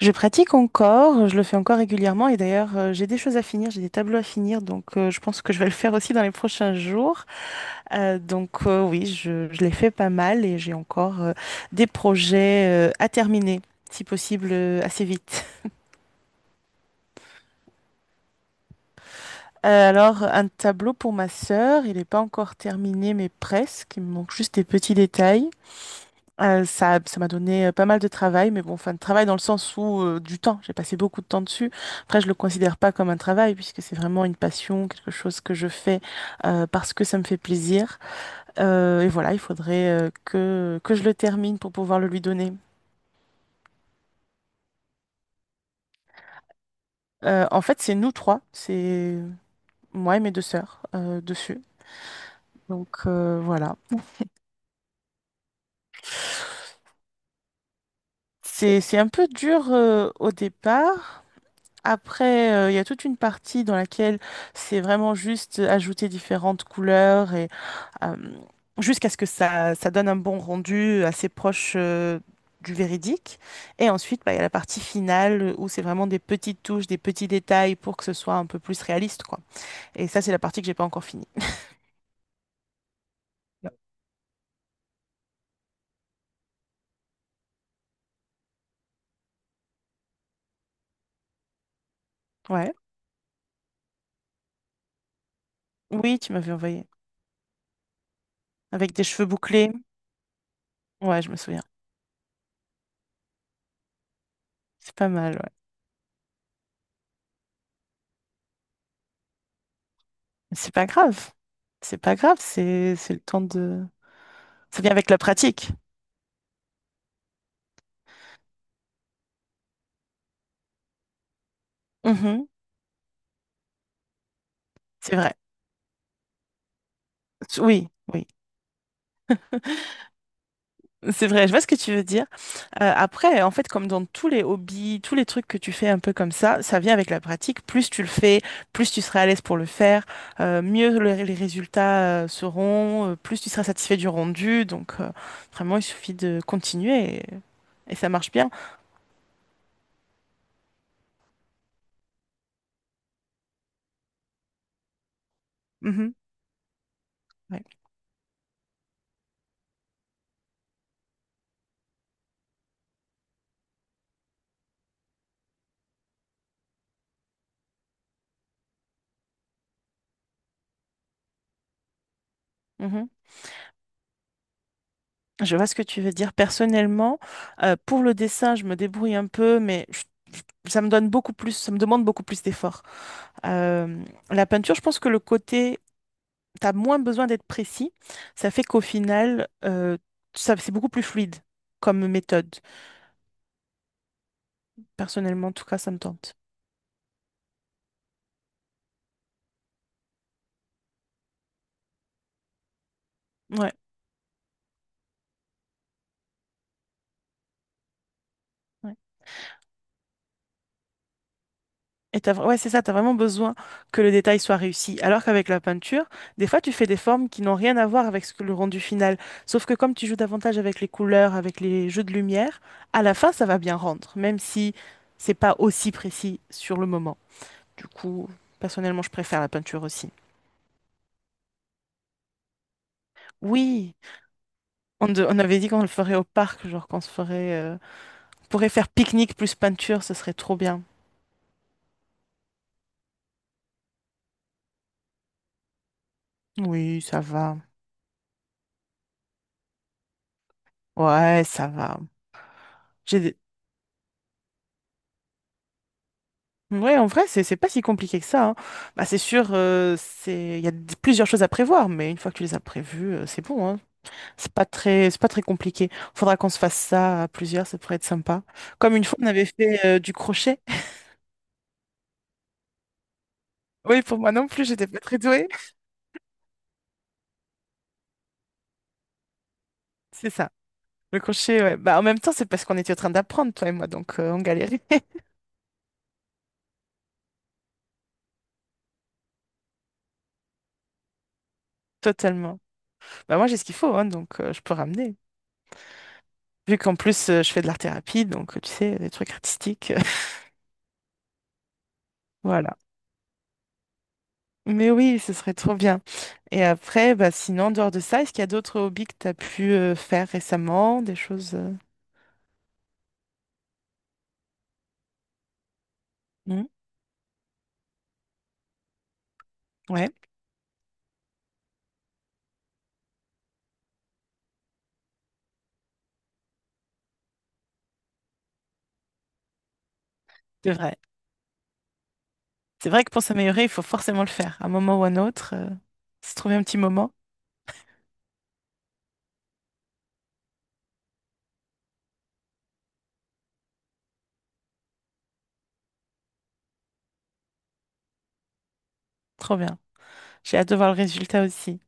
Je pratique encore, je le fais encore régulièrement et d'ailleurs j'ai des choses à finir, j'ai des tableaux à finir donc je pense que je vais le faire aussi dans les prochains jours. Oui, je l'ai fait pas mal et j'ai encore des projets à terminer, si possible assez vite. Alors un tableau pour ma sœur, il n'est pas encore terminé mais presque, il me manque juste des petits détails. Ça m'a donné pas mal de travail, mais bon, enfin, de travail dans le sens où du temps, j'ai passé beaucoup de temps dessus. Après, je le considère pas comme un travail puisque c'est vraiment une passion, quelque chose que je fais parce que ça me fait plaisir. Et voilà, il faudrait que je le termine pour pouvoir le lui donner. En fait, c'est nous trois, c'est moi et mes deux sœurs dessus. Voilà. C'est un peu dur au départ. Après, il y a toute une partie dans laquelle c'est vraiment juste ajouter différentes couleurs et euh, jusqu'à ce que ça donne un bon rendu assez proche du véridique. Et ensuite, bah, il y a la partie finale où c'est vraiment des petites touches, des petits détails pour que ce soit un peu plus réaliste, quoi. Et ça, c'est la partie que j'ai pas encore finie. Ouais. Oui, tu m'avais envoyé. Avec des cheveux bouclés. Ouais, je me souviens. C'est pas mal, ouais. C'est pas grave. C'est pas grave, c'est le temps de… Ça vient avec la pratique. C'est vrai. Oui, oui. C'est vrai, je vois ce que tu veux dire. Après, en fait, comme dans tous les hobbies, tous les trucs que tu fais un peu comme ça vient avec la pratique. Plus tu le fais, plus tu seras à l'aise pour le faire, mieux les résultats seront, plus tu seras satisfait du rendu. Vraiment, il suffit de continuer et ça marche bien. Mhm. Ouais. Mhm. Je vois ce que tu veux dire. Personnellement, pour le dessin, je me débrouille un peu, mais ça me donne beaucoup plus, ça me demande beaucoup plus d'efforts. Euh, la peinture, je pense que le côté, tu as moins besoin d'être précis. Ça fait qu'au final, ça, c'est beaucoup plus fluide comme méthode. Personnellement, en tout cas, ça me tente. Ouais. Ouais. Et t'as, ouais, c'est ça, t'as vraiment besoin que le détail soit réussi. Alors qu'avec la peinture, des fois, tu fais des formes qui n'ont rien à voir avec ce que le rendu final. Sauf que comme tu joues davantage avec les couleurs, avec les jeux de lumière, à la fin, ça va bien rendre, même si c'est pas aussi précis sur le moment. Du coup, personnellement, je préfère la peinture aussi. Oui, on avait dit qu'on le ferait au parc, genre qu'on se ferait, on pourrait faire pique-nique plus peinture, ce serait trop bien. Oui, ça va. Ouais, ça va. J'ai Ouais, en vrai, c'est pas si compliqué que ça, hein. Bah, c'est sûr, c'est il y a plusieurs choses à prévoir, mais une fois que tu les as prévues, c'est bon, hein. C'est pas très compliqué. Faudra qu'on se fasse ça à plusieurs, ça pourrait être sympa. Comme une fois, on avait fait du crochet. Oui, pour moi non plus, j'étais pas très douée. C'est ça. Le crochet, ouais. Bah, en même temps, c'est parce qu'on était en train d'apprendre, toi et moi, donc on galérait totalement. Bah, moi, j'ai ce qu'il faut, hein, donc je peux ramener. Vu qu'en plus, je fais de l'art-thérapie, donc tu sais, des trucs artistiques. Voilà. Mais oui, ce serait trop bien. Et après, bah, sinon, en dehors de ça, est-ce qu'il y a d'autres hobbies que tu as pu faire récemment, des choses… Hmm. Ouais, c'est vrai. C'est vrai que pour s'améliorer, il faut forcément le faire, à un moment ou un autre. Se trouver un petit moment, trop bien. J'ai hâte de voir le résultat aussi.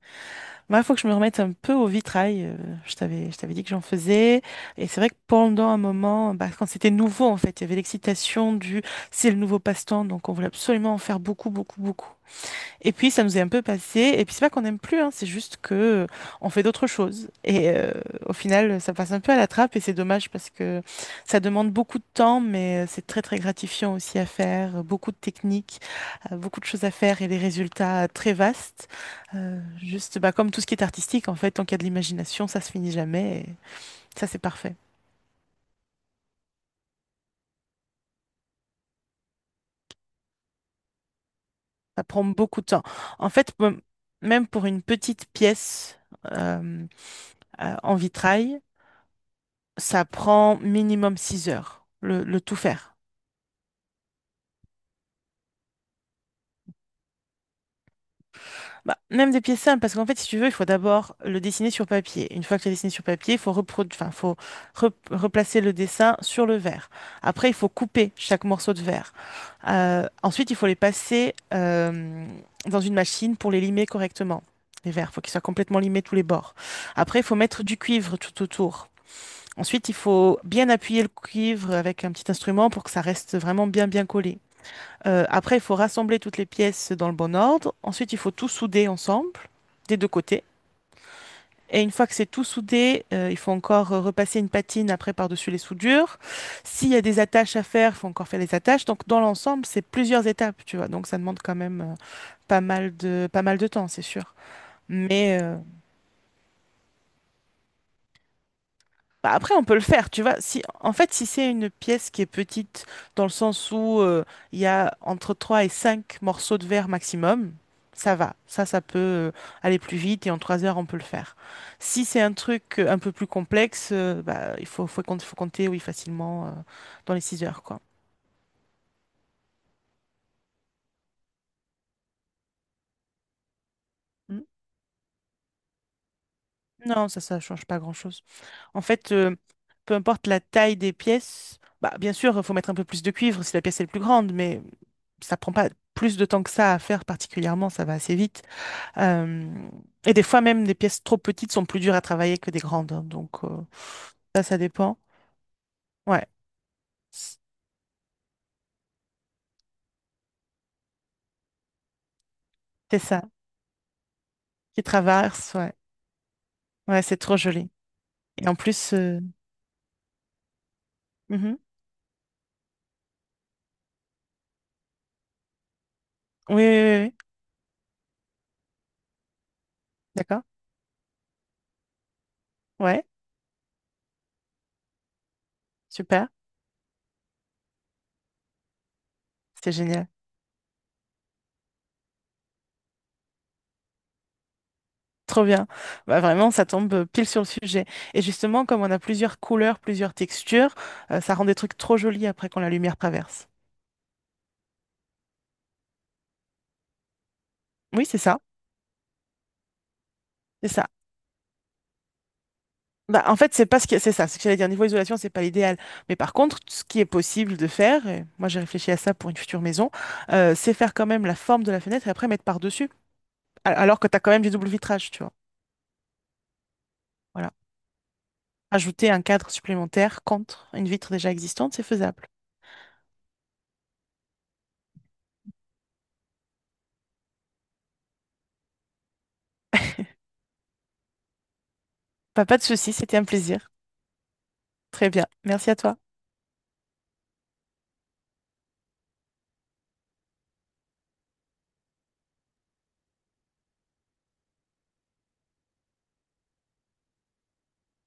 Moi, il faut que je me remette un peu au vitrail. Je t'avais dit que j'en faisais. Et c'est vrai que pendant un moment, bah, quand c'était nouveau, en fait, il y avait l'excitation du… C'est le nouveau passe-temps, donc on voulait absolument en faire beaucoup, beaucoup, beaucoup. Et puis ça nous est un peu passé. Et puis c'est pas qu'on n'aime plus, hein, c'est juste que on fait d'autres choses. Et au final, ça passe un peu à la trappe et c'est dommage parce que ça demande beaucoup de temps, mais c'est très très gratifiant aussi à faire. Beaucoup de techniques, beaucoup de choses à faire et des résultats très vastes. Juste bah, comme tout ce qui est artistique, en fait, tant qu'il y a de l'imagination, ça se finit jamais. Et ça c'est parfait. Ça prend beaucoup de temps. En fait, même pour une petite pièce euh, en vitrail. Ça prend minimum 6 heures, le tout faire. Bah, même des pièces simples, parce qu'en fait, si tu veux, il faut d'abord le dessiner sur papier. Une fois que tu as dessiné sur papier, enfin, faut replacer le dessin sur le verre. Après, il faut couper chaque morceau de verre. Ensuite, il faut les passer dans une machine pour les limer correctement. Les verres, il faut qu'ils soient complètement limés tous les bords. Après, il faut mettre du cuivre tout autour. Ensuite, il faut bien appuyer le cuivre avec un petit instrument pour que ça reste vraiment bien bien collé. Après, il faut rassembler toutes les pièces dans le bon ordre. Ensuite, il faut tout souder ensemble, des deux côtés. Et une fois que c'est tout soudé, il faut encore repasser une patine après par-dessus les soudures. S'il y a des attaches à faire, il faut encore faire les attaches. Donc, dans l'ensemble, c'est plusieurs étapes, tu vois. Donc, ça demande quand même pas mal de temps, c'est sûr. Mais, bah, après, on peut le faire, tu vois. Si, en fait, si c'est une pièce qui est petite, dans le sens où il y a entre 3 et 5 morceaux de verre maximum, ça va. Ça peut aller plus vite et en 3 heures, on peut le faire. Si c'est un truc un peu plus complexe, bah, il faut compter, oui, facilement dans les 6 heures, quoi. Mm. Non, ça change pas grand-chose. En fait, peu importe la taille des pièces, bah, bien sûr, il faut mettre un peu plus de cuivre si la pièce est plus grande, mais ça prend pas plus de temps que ça à faire particulièrement, ça va assez vite. Euh, et des fois même, des pièces trop petites sont plus dures à travailler que des grandes, hein, donc ça, ça dépend. Ouais, c'est ça. Qui traverse, ouais. Ouais, c'est trop joli. Et en plus, mhm. Oui, oui, oui, oui. D'accord. Ouais, super. C'est génial. Trop bien. Bah, vraiment, ça tombe pile sur le sujet. Et justement, comme on a plusieurs couleurs, plusieurs textures, ça rend des trucs trop jolis après quand la lumière traverse. Oui, c'est ça. C'est ça. Bah, en fait, c'est pas ce qui… c'est ça. Ce que j'allais dire, niveau isolation, c'est pas l'idéal. Mais par contre, ce qui est possible de faire, et moi j'ai réfléchi à ça pour une future maison, c'est faire quand même la forme de la fenêtre et après mettre par-dessus. Alors que tu as quand même du double vitrage, tu vois. Voilà. Ajouter un cadre supplémentaire contre une vitre déjà existante, c'est faisable. Bah, pas de souci, c'était un plaisir. Très bien. Merci à toi.